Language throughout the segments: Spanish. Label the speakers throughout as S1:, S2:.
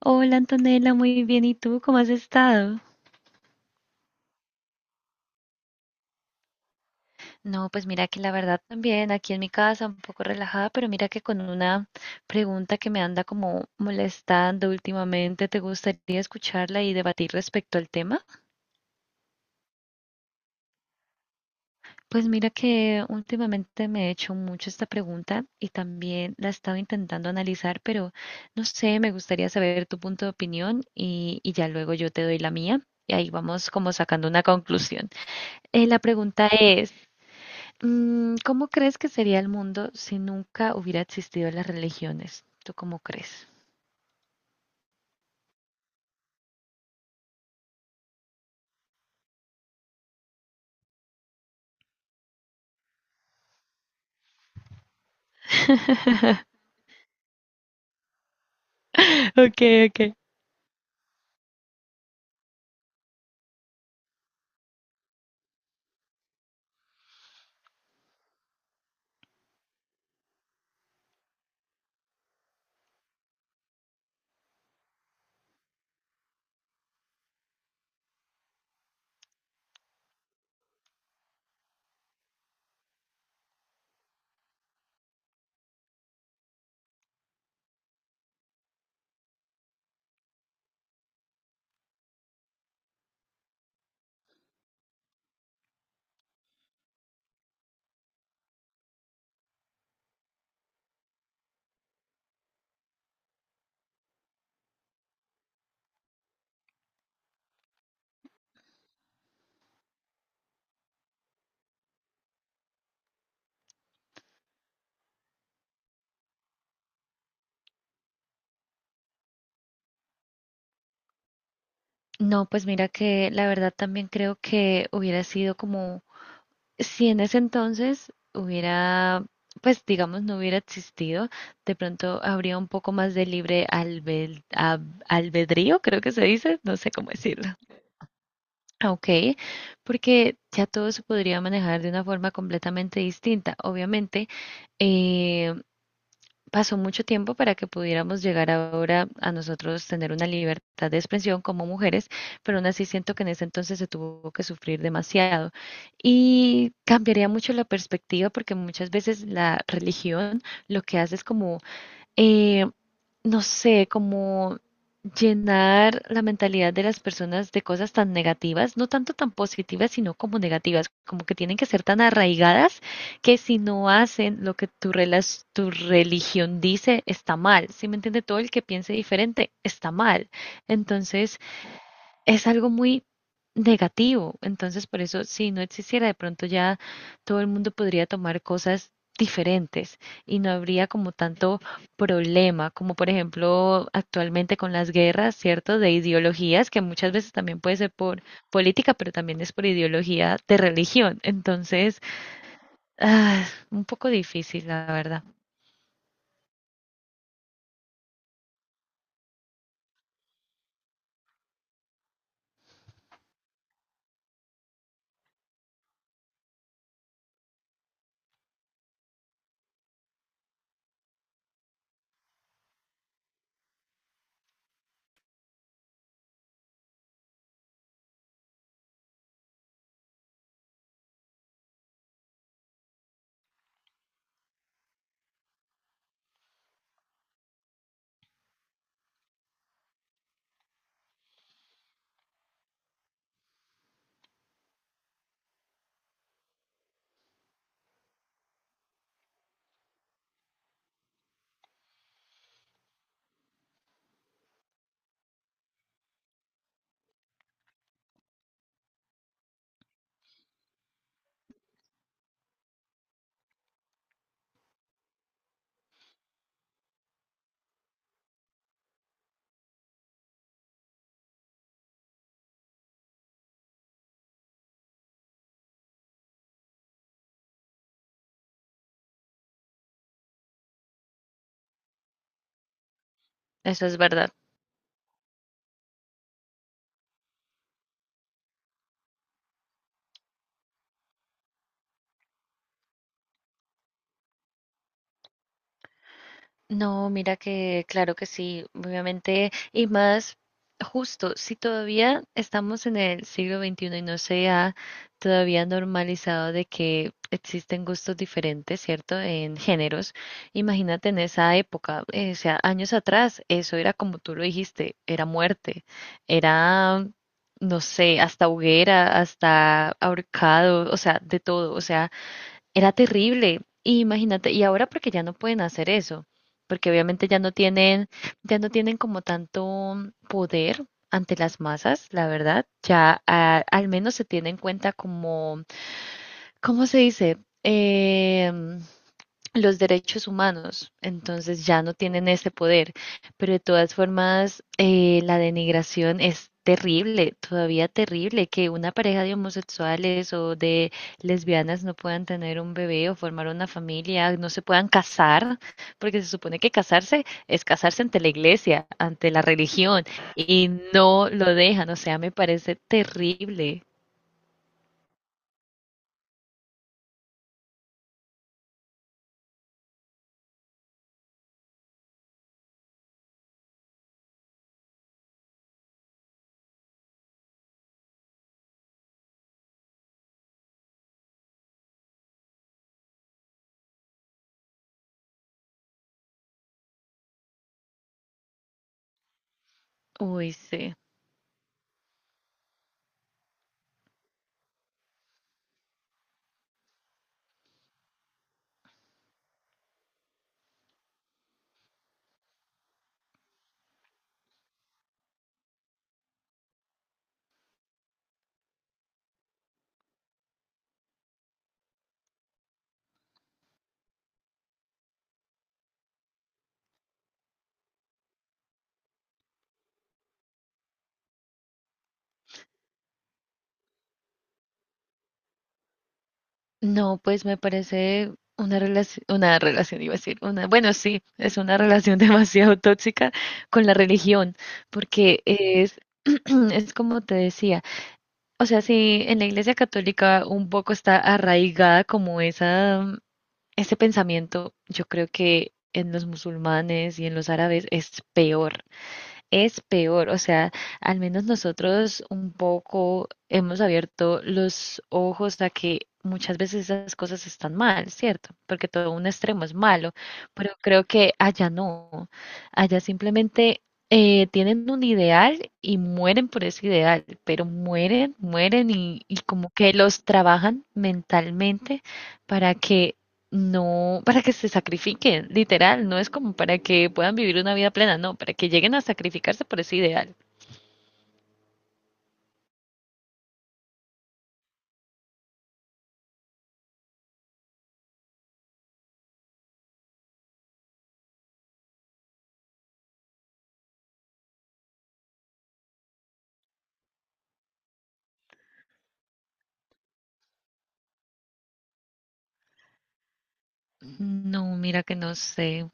S1: Hola Antonella, muy bien. ¿Y tú cómo has estado? No, pues mira que la verdad también aquí en mi casa un poco relajada, pero mira que con una pregunta que me anda como molestando últimamente, ¿te gustaría escucharla y debatir respecto al tema? Pues mira que últimamente me he hecho mucho esta pregunta y también la he estado intentando analizar, pero no sé, me gustaría saber tu punto de opinión y ya luego yo te doy la mía. Y ahí vamos como sacando una conclusión. La pregunta es, ¿cómo crees que sería el mundo si nunca hubiera existido las religiones? ¿Tú cómo crees? Okay, okay. No, pues mira que la verdad también creo que hubiera sido como si en ese entonces hubiera, pues digamos, no hubiera existido, de pronto habría un poco más de libre albedrío, creo que se dice, no sé cómo decirlo. Ah, ok, porque ya todo se podría manejar de una forma completamente distinta. Obviamente, eh, pasó mucho tiempo para que pudiéramos llegar ahora a nosotros tener una libertad de expresión como mujeres, pero aún así siento que en ese entonces se tuvo que sufrir demasiado. Y cambiaría mucho la perspectiva porque muchas veces la religión lo que hace es como eh, no sé, como llenar la mentalidad de las personas de cosas tan negativas, no tanto tan positivas, sino como negativas, como que tienen que ser tan arraigadas que si no hacen lo que tu religión dice, está mal. ¿Si me entiende? Todo el que piense diferente está mal. Entonces, es algo muy negativo. Entonces, por eso, si no existiera, de pronto ya todo el mundo podría tomar cosas diferentes y no habría como tanto problema, como por ejemplo actualmente con las guerras, ¿cierto? De ideologías, que muchas veces también puede ser por política, pero también es por ideología de religión. Entonces, ah, un poco difícil, la verdad. Eso es verdad. No, mira que claro que sí, obviamente, y más justo, si todavía estamos en el siglo XXI y no se ha todavía normalizado de que existen gustos diferentes, ¿cierto? En géneros, imagínate en esa época, o sea, años atrás, eso era como tú lo dijiste, era muerte, era, no sé, hasta hoguera, hasta ahorcado, o sea, de todo, o sea era terrible. Y imagínate, y ahora porque ya no pueden hacer eso, porque obviamente ya no tienen como tanto poder ante las masas, la verdad. Ya al menos se tiene en cuenta como, ¿cómo se dice? Los derechos humanos, entonces ya no tienen ese poder. Pero de todas formas, la denigración es terrible, todavía terrible, que una pareja de homosexuales o de lesbianas no puedan tener un bebé o formar una familia, no se puedan casar, porque se supone que casarse es casarse ante la iglesia, ante la religión, y no lo dejan, o sea, me parece terrible. Uy, sí. No, pues me parece una relación, iba a decir, una, bueno, sí, es una relación demasiado tóxica con la religión, porque es, es como te decía, o sea, si en la Iglesia Católica un poco está arraigada como esa, ese pensamiento, yo creo que en los musulmanes y en los árabes es peor, es peor. O sea, al menos nosotros un poco hemos abierto los ojos a que muchas veces esas cosas están mal, ¿cierto? Porque todo un extremo es malo, pero creo que allá no. Allá simplemente tienen un ideal y mueren por ese ideal, pero mueren, mueren y como que los trabajan mentalmente para que no, para que se sacrifiquen, literal, no es como para que puedan vivir una vida plena, no, para que lleguen a sacrificarse por ese ideal. No, mira que no sé.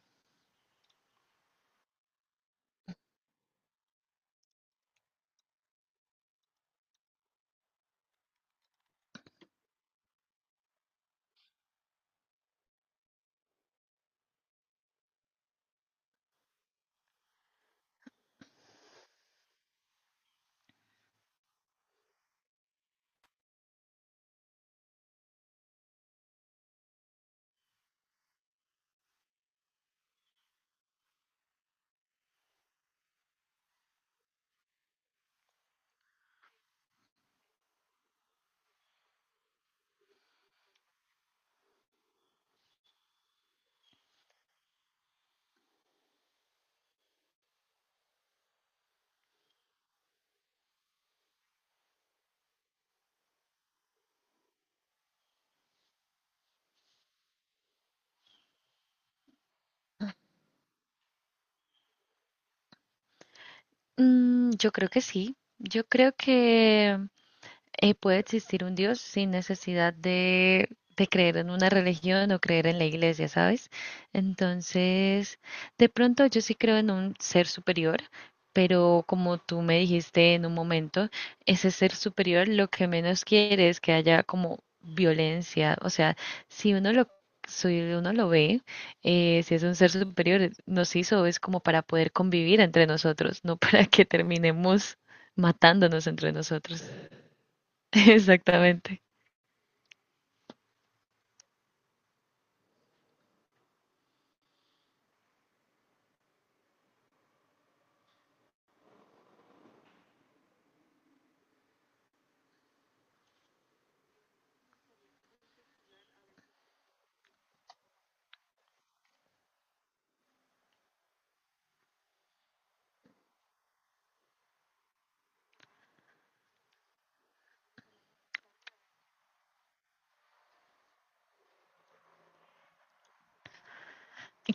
S1: Mm, yo creo que sí, yo creo que puede existir un Dios sin necesidad de creer en una religión o creer en la iglesia, ¿sabes? Entonces, de pronto yo sí creo en un ser superior, pero como tú me dijiste en un momento, ese ser superior lo que menos quiere es que haya como violencia, o sea, si uno lo si uno lo ve, si es un ser superior, nos hizo es como para poder convivir entre nosotros, no para que terminemos matándonos entre nosotros. Exactamente.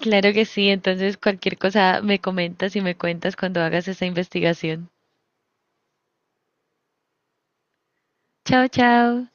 S1: Claro que sí, entonces cualquier cosa me comentas y me cuentas cuando hagas esa investigación. Chao, chao.